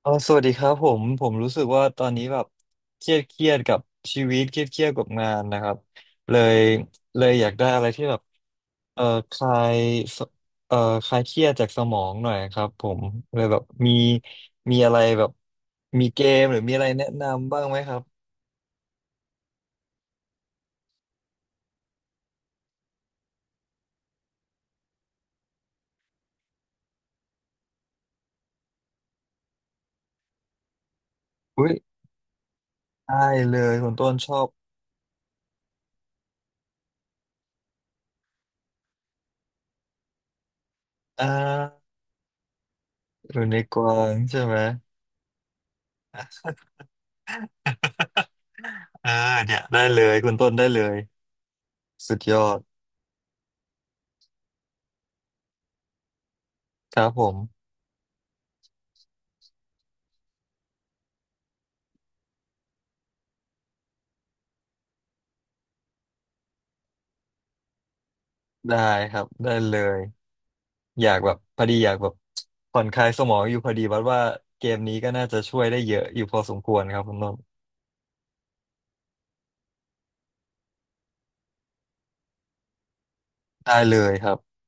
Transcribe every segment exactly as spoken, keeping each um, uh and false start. เออสวัสดีครับผมผมรู้สึกว่าตอนนี้แบบเครียดเครียดกับชีวิตเครียดเครียดกับงานนะครับเลยเลยอยากได้อะไรที่แบบเออคลายสเออคลายเครียดจากสมองหน่อยครับผมเลยแบบมีมีอะไรแบบมีเกมหรือมีอะไรแนะนำบ้างไหมครับอุ้ยได้เลยคุณต้นชอบอ่าอยู่ในกวางใช่ไหม เออเนี่ยได้เลยคุณต้นได้เลยสุดยอดครับผมได้ครับได้เลย อยากแบบพอดีอยากแบบผ่อนคลายสมองอยู่พอดีวัดว่าเกมนี้ก็น่าจะช่วยได้เยอะอยู่พอสมควรครับคุณนนท์ได้เลยครับ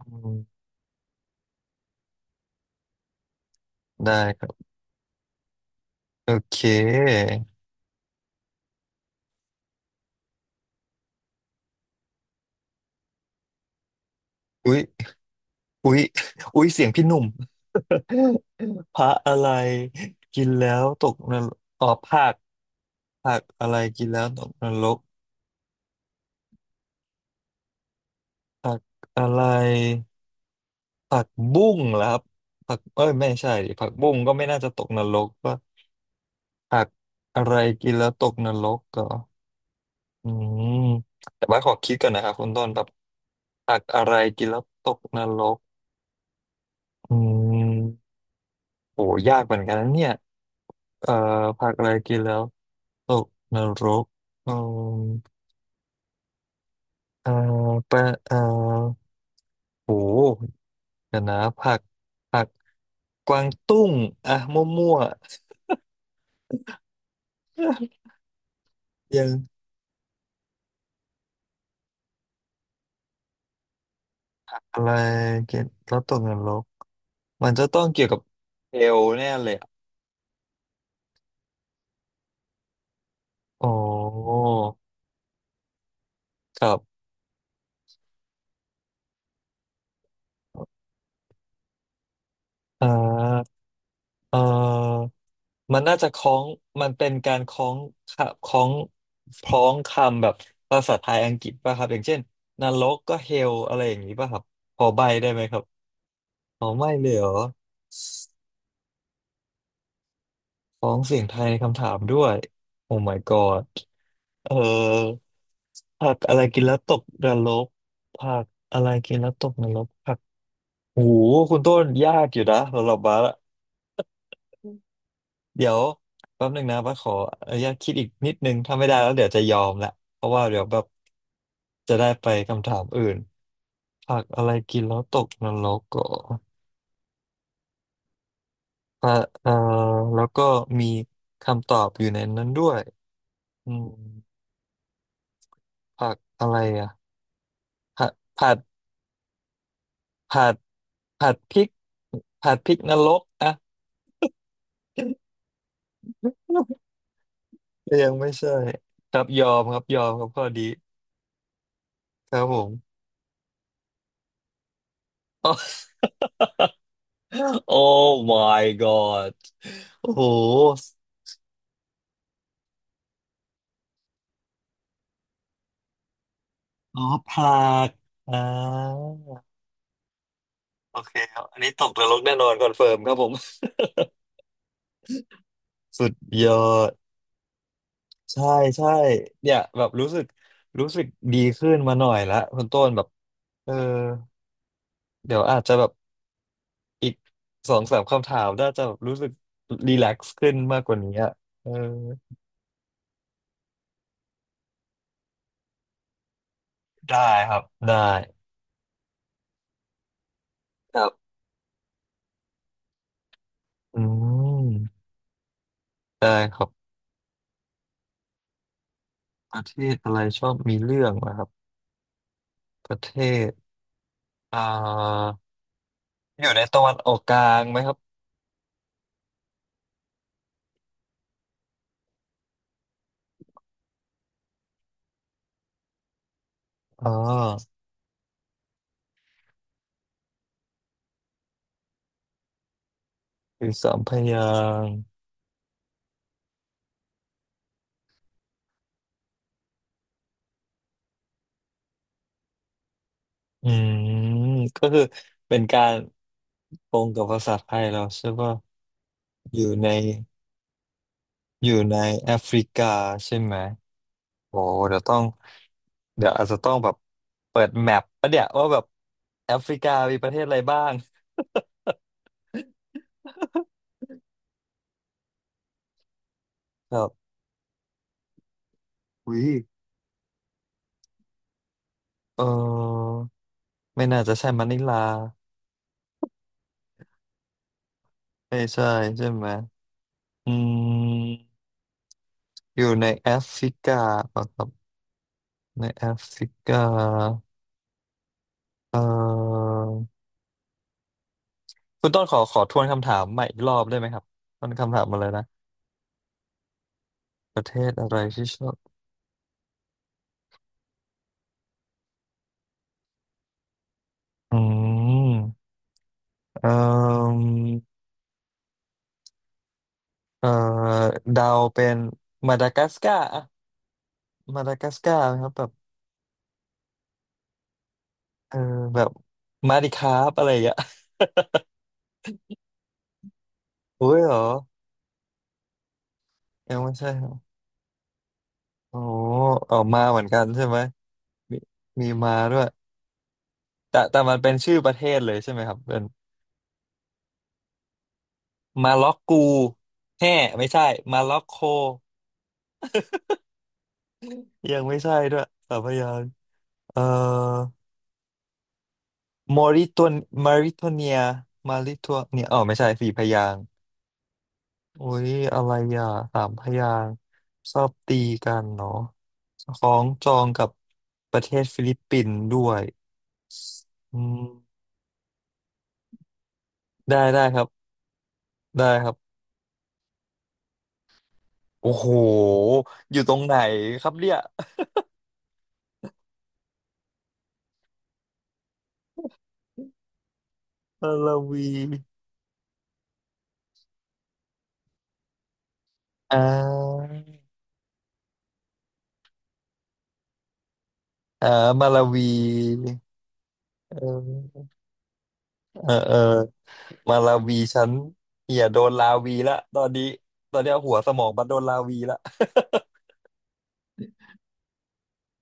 อืมได้ครับโอเคอุ๊ยอุ๊ยอุ๊ยเสียงพี่หนุ่ม พระอะไรกินแล้วตกนรกอ๋อผักผักอะไรกินแล้วตกนรกผักอะไรผักบุ้งเหรอครับผักเอ้ยไม่ใช่ดิผักบุ้งก็ไม่น่าจะตกนรกว่าผักอะไรกินแล้วตกนรกก็ อืมแต่ว่าขอคิดก่อนนะครับคุณต้นแบบผักอะไรกินแล้วตกนรกอืมโหยากเหมือนกันนะเนี่ยเอ่อผักอะไรกินแล้วตกนรกอืมเอ่อปะเอ่อโหเดี๋ยวนะผักผักกวางตุ้งอ่ะมั่วๆ ยังอะไรกินแล้วตกนรกมันจะต้องเกี่ยวกับเอลแน่เลยอะอ๋อครับอ่าเออ มันน่าจะคล้องมันเป็นการคล้องค่ะคล้องคล้องคำแบบภาษาไทยอังกฤษป่ะครับ อย่างเช่นนรกก็เฮลอะไรอย่างนี้ป่ะครับพอใบได้ไหมครับอ๋อไม่เลยเหรอคล้องเสียงไทยในคำถามด้วยโอ้ my god เออผักอะไรกินแล้วตกนรกผักอะไรกินแล้วตกนรกผักโอ้หคุณต้นยากอยู่นะสำหรับบาสอะ เดี๋ยวแป๊บหนึ่งนะว่าขออนุญาตคิดอีกนิดนึงถ้าไม่ได้แล้วเดี๋ยวจะยอมละเพราะว่าเดี๋ยวแบบจะได้ไปคำถามอื่นผักอะไรกินแล้วตกนรกก็เอ่อเอ่อแล้วก็มีคำตอบอยู่ในนั้นด้วยอืมผักอะไรอ่ะผัดผัดผัดผัดพริกผัดพริกนรกอ่ะ ยังไม่ใช่ครับยอมครับยอมครับข้อดีครับผมเออ โอ้ my god โอ้โหอ๋อพลากอ่าโอเคครับอันนี้ตกนรกแน่นอนคอนเฟิร์มครับผม สุดยอด ใช่ใช่เนี่ย แบบรู้สึก รู้สึกดีขึ้นมาหน่อยละคุณต้นแบบเออเดี๋ยวอาจจะแบบอีกสองสามคำถามน่าจะแบบรู้สึกรีแลกซ์ขึ้นมากกว่านี้อะเออได้ครับ ได้ครับอืม ได้ครับประเทศอะไรชอบมีเรื่องนะครับ ประเทศอ่าอยู่ในตะวันออกกลางไหมครับอ่าอยู่สามพยางค์อืมก็คือเป็นการตรงกับภาษาไทยเราใช่ป่ะอยู่ในอยู่ในแอฟริกาใช่ไหมโอ้เดี๋ยวต้องเดี๋ยวอาจจะต้องแบบเปิดแมปปะเนี่ยว่าแบบแอฟริกามีประเทศอะไรบ้าง ครับ วิเออไม่น่าจะใช่มะนิลาไม่ใช่ใช่ไหมอืม อยู่ในแอฟริกาเปล่าครับในแอฟริกาเอ่อคุณต้นขอขอทวนคำถามใหม่อีกรอบได้ไหมครับมันคำถามมาเลยนะประเทศอะไรที่ชอบอืมเอ่อเอ่อดาวเป็นมาดากัสการ์อะมาดากัสการ์ไหมครับแบบเออแบบมาดิคาบอะไรอย่างเงี้ย อุ้ยเหรอยังไม่ใช่เหรอโอ้ออกมาเหมือนกันใช่ไหมมีมีมาด้วยแต่แต่มันเป็นชื่อประเทศเลยใช่ไหมครับเป็น มาล็อกกูแห่ไม่ใช่มาล็อกโคยังไม่ใช่ด้วยสามพยางค์เอ่อมอริตัวนมาริโทเนียมาริทัวเนียอ๋อไม่ใช่สี่พยางค์โอ้ยอะไรอ่ะสามพยางค์ชอบตีกันเนาะของจองกับประเทศฟิลิปปินส์ด้วย อืมได้ได้ครับได้ครับโอ้โหอยู่ตรงไหนครับเนี่ย มาลาวีอ่าอ่ามาลาวีเออ เออเออมาลาวีฉันเหี่ยโดนลาวีละตอนนี้ตอนเนี้ยหัวสมองบัดโดนลาวีละ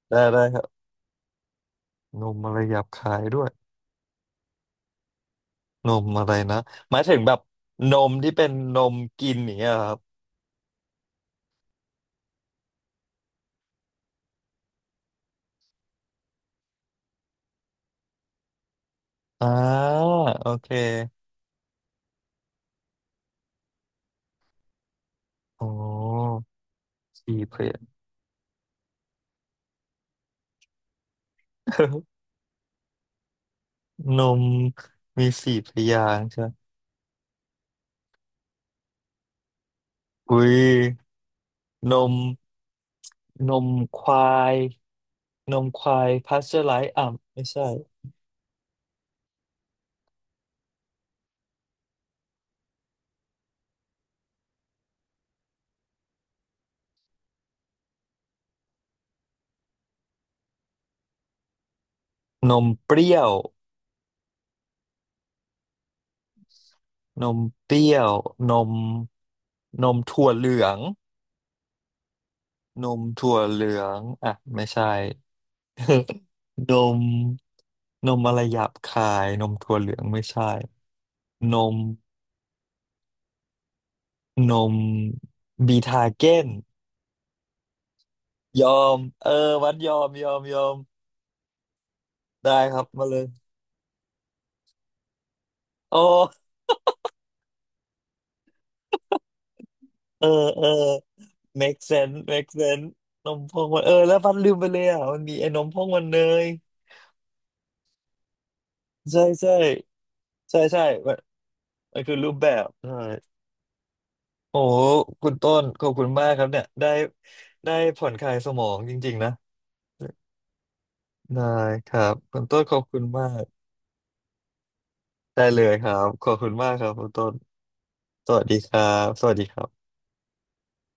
ได้ได้ครับนมอะไรหยาบคายด้วยนมอะไรนะหมายถึงแบบนมที่เป็นนมกินอย่างเงี้ยเหรอครับอ่าโอเคโอ้สี่เพย นมมีสี่พยางค์ใช่ไหมอุ้ยนมนมควายนมควายพาสเจอร์ไลซ์อ่ะไม่ใช่นมเปรี้ยว นมเปรี้ยวนมนมถั่วเหลืองนมถั่วเหลืองอ่ะไม่ใช่ นมนมอะไรหยาบคายนมถั่วเหลืองไม่ใช่นมนมบีทาเก้นยอมเออวัดยอมยอมยอมได้ครับมาเลยโอ้เออเออ make sense make sense นมพองมันเออแล้ววัดลืมไปเลยอ่ะมันมีไอ้นมพองมันเนยใช่ใช่ใช่ใช่มันมันคือรูปแบบใช่ โอ้โหคุณต้นขอบคุณมากครับเนี่ยได้ได้ผ่อนคลายสมองจริงๆนะ ได้ครับคุณต้นขอบคุณมาก ได้เลยครับ ขอบคุณมากครับคุณต้นสวัสดีครับสวัสดีครับ